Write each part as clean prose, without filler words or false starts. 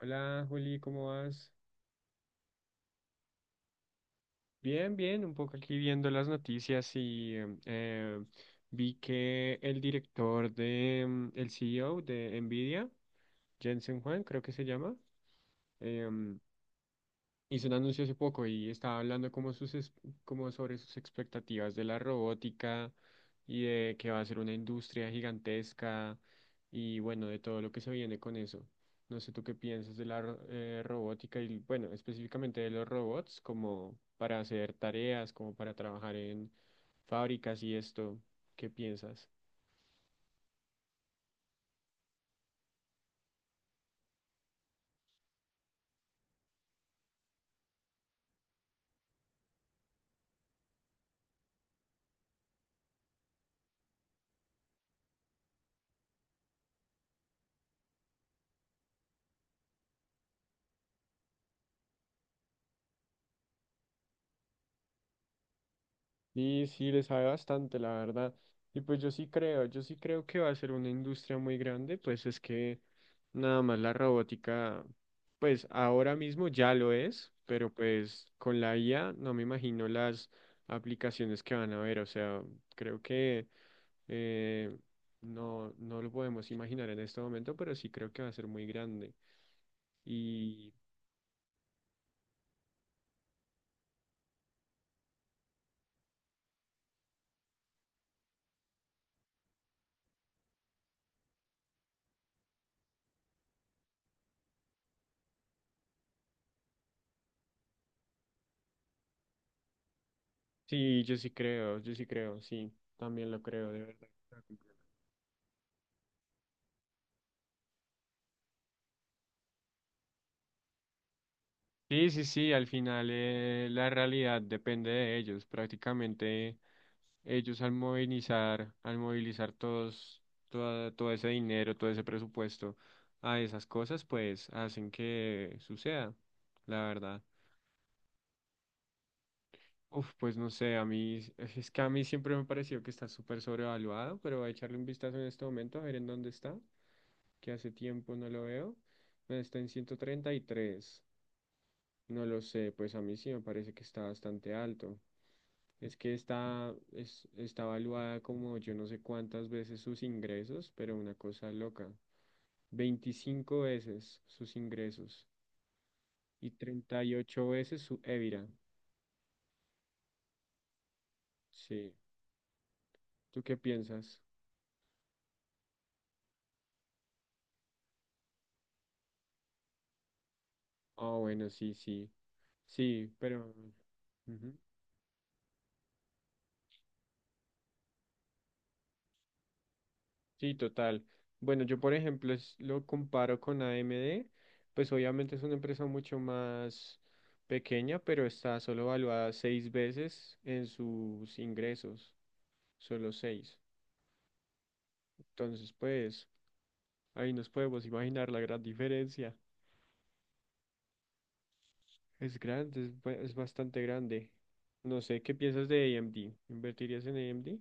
Hola Juli, ¿cómo vas? Bien, bien, un poco aquí viendo las noticias y vi que el director de, el CEO de Nvidia, Jensen Huang, creo que se llama, em, hizo un anuncio hace poco y estaba hablando como sobre sus expectativas de la robótica y de que va a ser una industria gigantesca y bueno, de todo lo que se viene con eso. No sé tú qué piensas de la robótica y bueno, específicamente de los robots como para hacer tareas, como para trabajar en fábricas y esto. ¿Qué piensas? Sí, sí, le sabe bastante, la verdad. Y pues yo sí creo que va a ser una industria muy grande, pues es que nada más la robótica, pues ahora mismo ya lo es, pero pues con la IA no me imagino las aplicaciones que van a haber, o sea, creo que eh, no, no lo podemos imaginar en este momento, pero sí creo que va a ser muy grande. Y sí, yo sí creo, sí, también lo creo, de verdad. Sí, sí, sí, al final la realidad depende de ellos. Prácticamente ellos al movilizar todos, todo ese dinero, todo ese presupuesto a esas cosas, pues hacen que suceda, la verdad. Uf, pues no sé, a mí, es que a mí siempre me pareció que está súper sobrevaluado, pero voy a echarle un vistazo en este momento a ver en dónde está, que hace tiempo no lo veo. Está en 133. No lo sé, pues a mí sí me parece que está bastante alto. Es que está, es, está evaluada como yo no sé cuántas veces sus ingresos, pero una cosa loca. 25 veces sus ingresos y 38 veces su EBITDA. Sí. ¿Tú qué piensas? Ah, bueno, sí, sí. Sí, pero. Ujú. Sí, total. Bueno, yo por ejemplo lo comparo con AMD, pues obviamente es una empresa mucho más pequeña, pero está solo valuada seis veces en sus ingresos. Solo seis. Entonces, pues, ahí nos podemos imaginar la gran diferencia. Es grande, es, es bastante grande. No sé, ¿qué piensas de AMD? ¿Invertirías en AMD?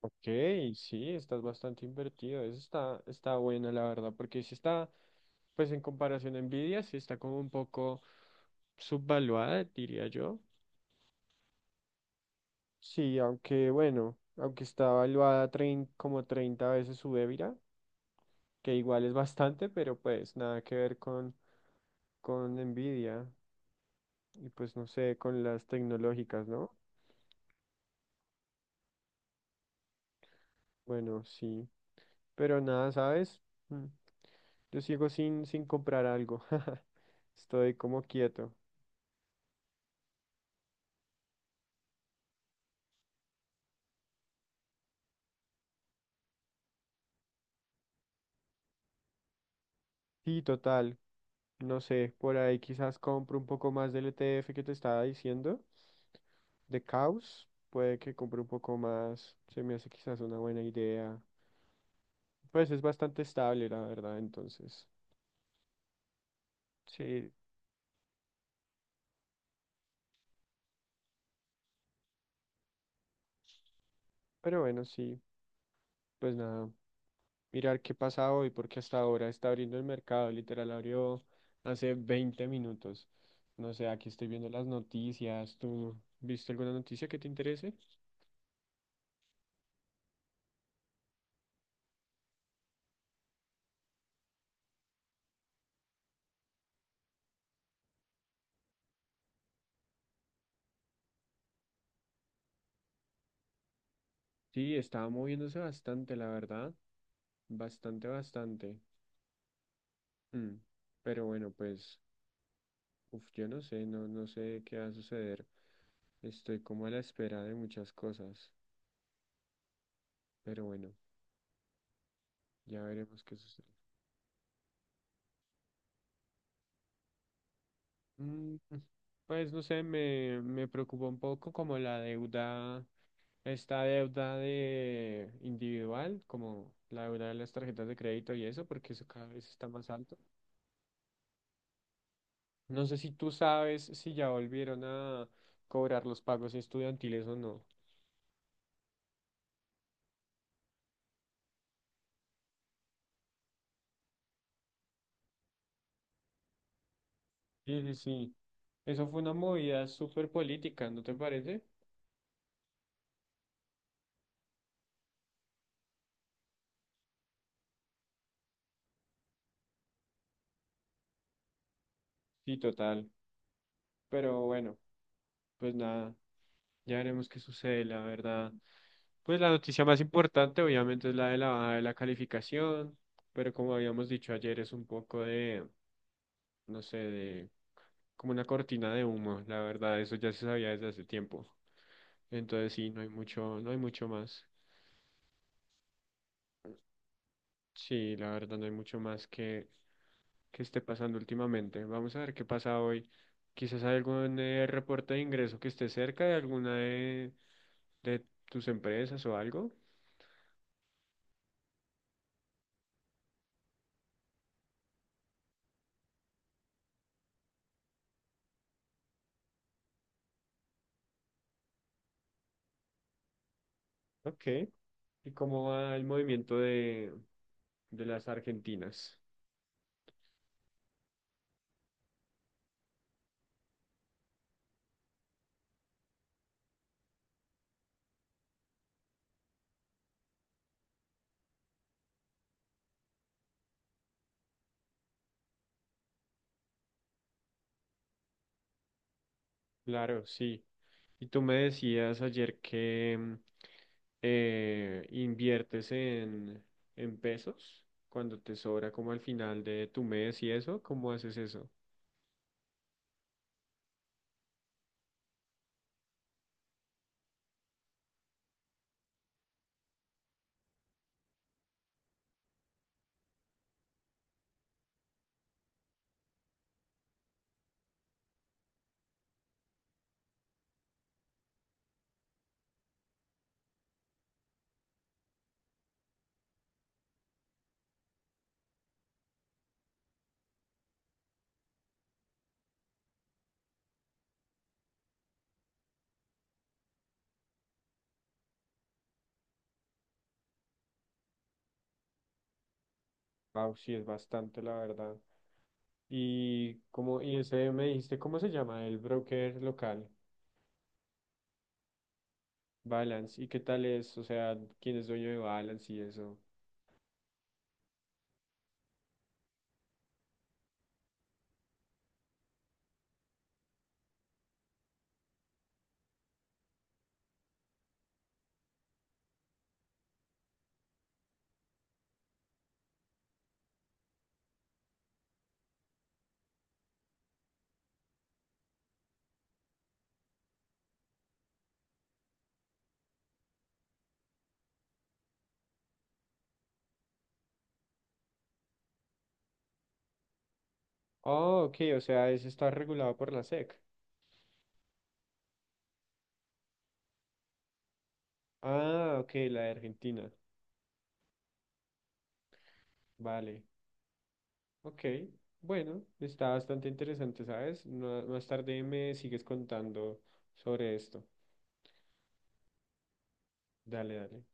Ok, sí, estás bastante invertido. Eso está, está buena, la verdad, porque sí está, pues en comparación a Nvidia, sí está como un poco subvaluada, diría yo. Sí, aunque bueno, aunque está valuada como 30 veces su EBITDA, que igual es bastante, pero pues nada que ver con Nvidia y pues no sé, con las tecnológicas, ¿no? Bueno, sí, pero nada, ¿sabes? Mm, Yo sigo sin comprar algo, estoy como quieto. Sí, total, no sé, por ahí quizás compro un poco más del ETF que te estaba diciendo, de Caos, puede que compre un poco más, se me hace quizás una buena idea. Pues es bastante estable, la verdad, entonces, sí, pero bueno, sí, pues nada. Mirar qué pasa hoy, porque hasta ahora está abriendo el mercado, literal abrió hace 20 minutos. No sé, aquí estoy viendo las noticias. ¿Tú viste alguna noticia que te interese? Sí, estaba moviéndose bastante, la verdad. Bastante, bastante. Mm, Pero bueno, pues, uf, yo no sé, no, no sé qué va a suceder. Estoy como a la espera de muchas cosas. Pero bueno, ya veremos qué sucede. Mm, Pues no sé, me preocupa un poco como la deuda esta deuda de individual, como la deuda de las tarjetas de crédito y eso, porque eso cada vez está más alto. No sé si tú sabes si ya volvieron a cobrar los pagos estudiantiles o no. Sí, sí, sí. Eso fue una movida súper política, ¿no te parece? Sí, total. Pero bueno, pues nada, ya veremos qué sucede, la verdad. Pues la noticia más importante obviamente es la de la baja de la calificación, pero como habíamos dicho ayer es un poco de, no sé, de como una cortina de humo, la verdad, eso ya se sabía desde hace tiempo. Entonces sí, no hay mucho, no hay mucho más. Sí, la verdad, no hay mucho más que esté pasando últimamente. Vamos a ver qué pasa hoy. Quizás hay algún reporte de ingreso que esté cerca de alguna de tus empresas o algo. Ok. ¿Y cómo va el movimiento de las argentinas? Claro, sí. Y tú me decías ayer que inviertes en pesos cuando te sobra como al final de tu mes y eso, ¿cómo haces eso? Wow, sí, es bastante, la verdad. Y como, y ese me dijiste, ¿cómo se llama? El broker local, Balance. ¿Y qué tal es? O sea, ¿quién es dueño de Balance y eso? Oh, ok, o sea, ese está regulado por la SEC. Ah, ok, la de Argentina. Vale. Ok, bueno, está bastante interesante, ¿sabes? Más tarde me sigues contando sobre esto. Dale, dale.